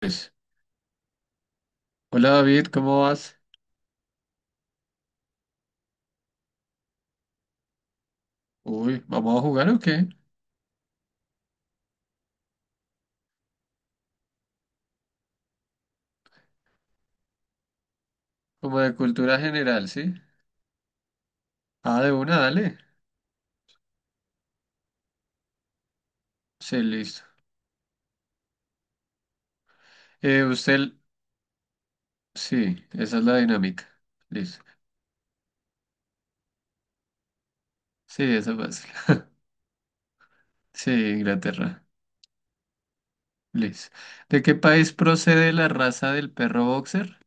Pues, hola David, ¿cómo vas? Uy, ¿vamos a jugar o qué? Como de cultura general, ¿sí? Ah, de una, dale. Sí, listo. Usted, sí, esa es la dinámica. Listo. Sí, esa es fácil. Sí, Inglaterra. Listo. ¿De qué país procede la raza del perro boxer?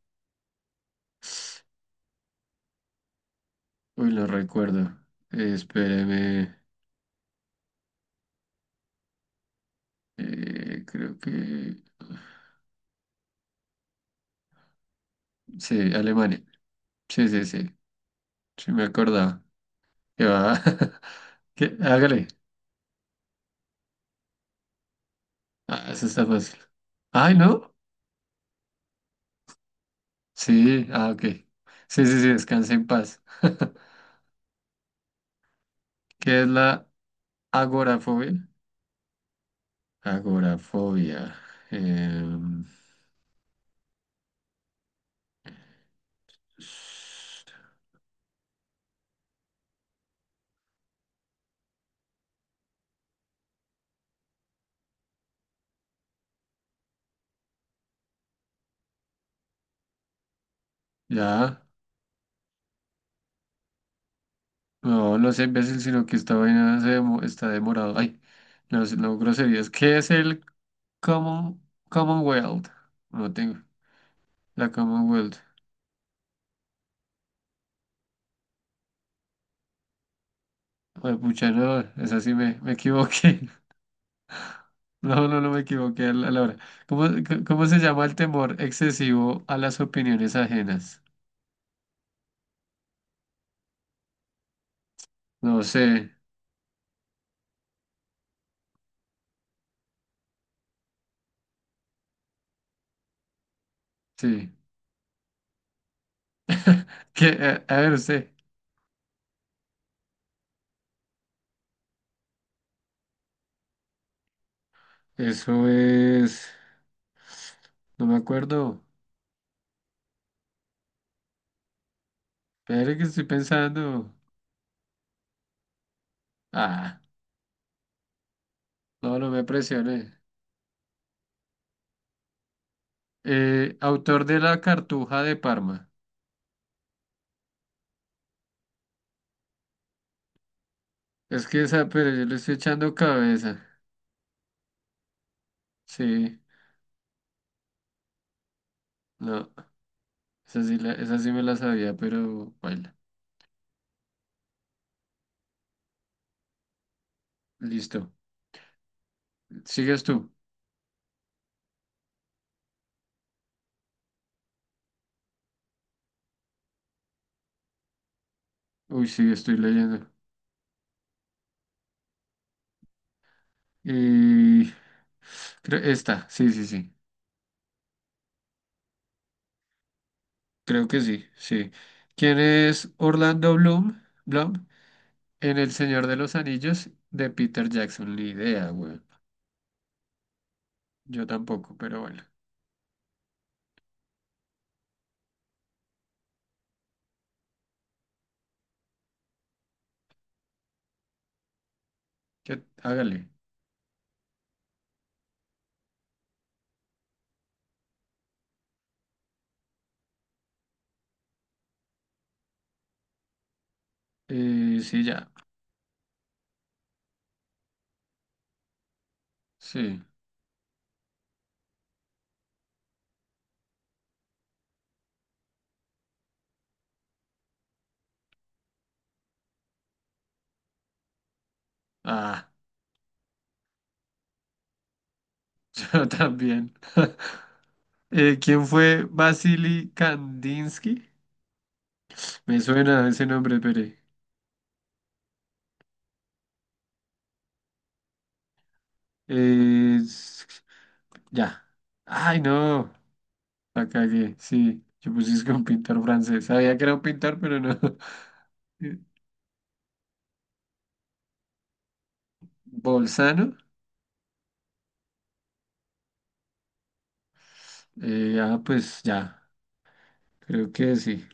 Uy, no recuerdo. Espéreme. Creo que. Sí, Alemania. Sí, sí, sí. Sí, me acordaba. ¿Qué va? ¿Qué? Hágale. Ah, eso está fácil. Ay, ¿no? Sí, ah, ok. Sí, sí, sí, descansa en paz. ¿Qué es la agorafobia? Agorafobia. em, ya, no, no sé, imbécil, sino que esta vaina está demorado. Ay, no, sé, no, groserías. ¿Qué es el common, Commonwealth? No tengo. La Commonwealth. Ay, pucha, no, esa sí me equivoqué. No, no, no me equivoqué a la hora. ¿Cómo se llama el temor excesivo a las opiniones ajenas? No sé, sí. ¿Qué? A ver, usted. Eso es. No me acuerdo. Espere que estoy pensando. Ah, no, no me presioné. Autor de La Cartuja de Parma. Es que esa, pero yo le estoy echando cabeza. Sí, no. Esa sí, esa sí me la sabía, pero baila. Listo. Sigues tú. Uy, sí, estoy leyendo. Y esta, sí, sí, sí. Creo que sí, sí. ¿Quién es Orlando Bloom en El Señor de los Anillos de Peter Jackson? Ni idea, güey. Yo tampoco, pero bueno. ¿Qué? Hágale. Sí, ya. Sí. Ah, yo también. ¿Quién fue Vasily Kandinsky? Me suena ese nombre, Pere. Eh, s- ya. Ay, no. La cagué, sí. Yo puse que un pintor francés. Sabía que era un pintor, pero no. Bolzano. Ah, pues ya. Creo que sí.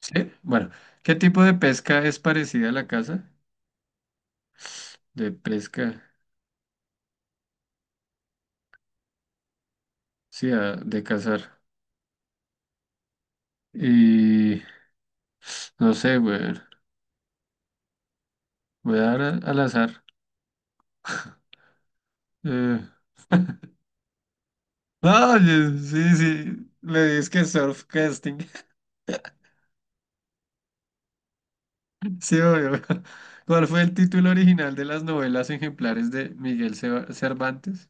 Sí. Bueno, ¿qué tipo de pesca es parecida a la caza? De pesca, sí, de cazar. Y no sé, güey. Voy a al azar. Eh, Ah, oye, sí, sí. Le dices que surf casting. Sí, obvio. ¿Cuál fue el título original de las novelas ejemplares de Miguel Cervantes?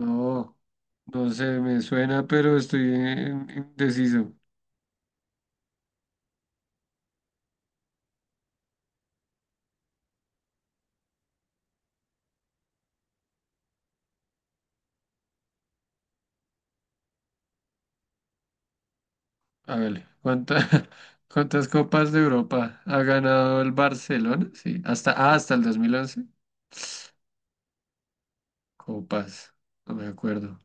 No, no sé, me suena, pero estoy indeciso. Hágale. ¿Cuántas copas de Europa ha ganado el Barcelona? Sí, hasta el 2011. Copas, no me acuerdo.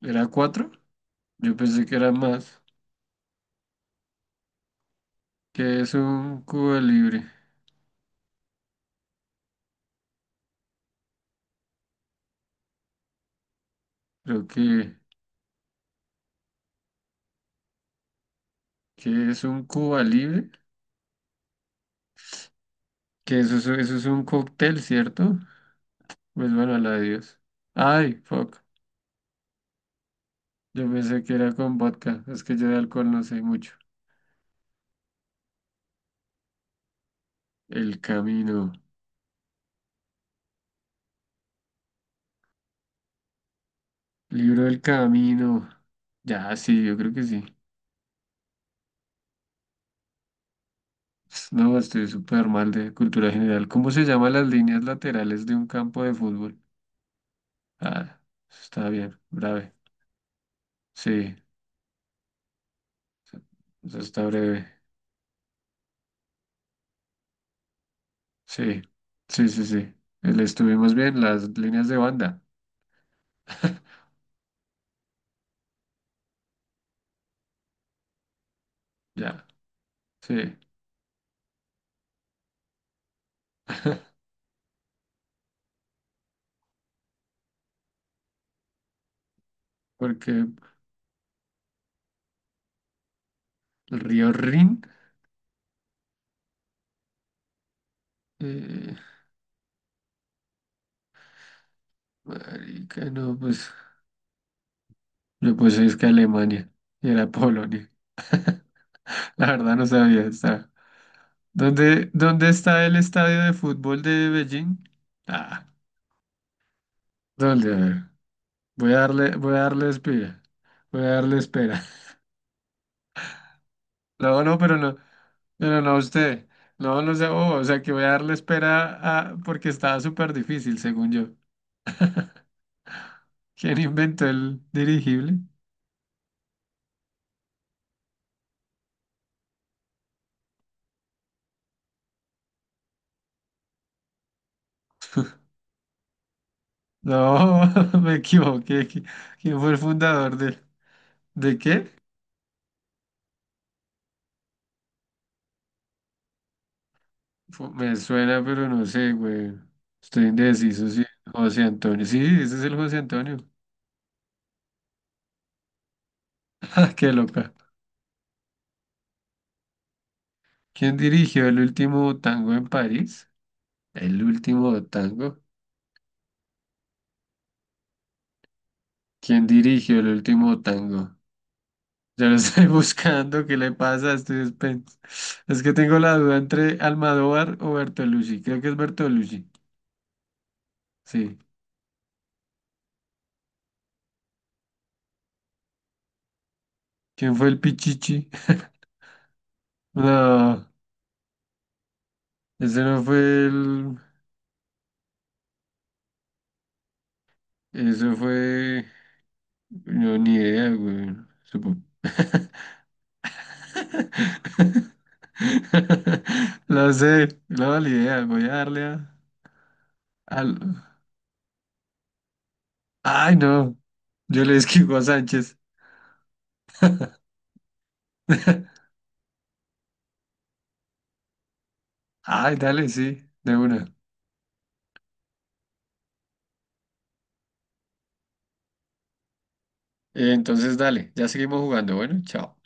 ¿Era cuatro? Yo pensé que era más. ¿Qué es un Cuba Libre? Creo que, ¿qué es un Cuba Libre? Que eso, eso es un cóctel, ¿cierto? Pues bueno, la de Dios. Ay, fuck. Yo pensé que era con vodka. Es que yo de alcohol no sé mucho. El camino. Libro del camino. Ya, sí, yo creo que sí. No, estoy súper mal de cultura general. ¿Cómo se llaman las líneas laterales de un campo de fútbol? Ah, eso está bien, breve. Sí, eso está breve. Sí, sí, sí, sí. Le estuvimos bien, las líneas de banda. Ya, sí. Porque el río Rin, eh, marica, no, pues, yo pues es que Alemania y era Polonia. La verdad no sabía, está. ¿Dónde está el estadio de fútbol de Beijing? Ah, ¿dónde? A ver, voy a darle espera. Voy a darle espera. No, no, pero no, pero no a usted. No, no sé, oh, o sea que voy a darle espera porque estaba súper difícil, según yo. ¿Quién inventó el dirigible? No, me equivoqué. ¿Quién fue el fundador de, qué? Me suena, pero no sé, güey. Estoy indeciso, sí. José Antonio. Sí, ese es el José Antonio. Qué loca. ¿Quién dirigió el último tango en París? El último tango. ¿Quién dirigió el último tango? Yo lo estoy buscando, ¿qué le pasa? Estoy despen- Es que tengo la duda entre Almodóvar o Bertolucci. Creo que es Bertolucci. Sí. ¿Quién fue el Pichichi? No, ese no fue el. Eso fue. No, ni idea, güey. Supongo. Lo sé, no, ni idea. Voy a darle a. al- Ay, no. Yo le esquivo a Sánchez. Ay, dale, sí, de una. Entonces, dale, ya seguimos jugando. Bueno, chao.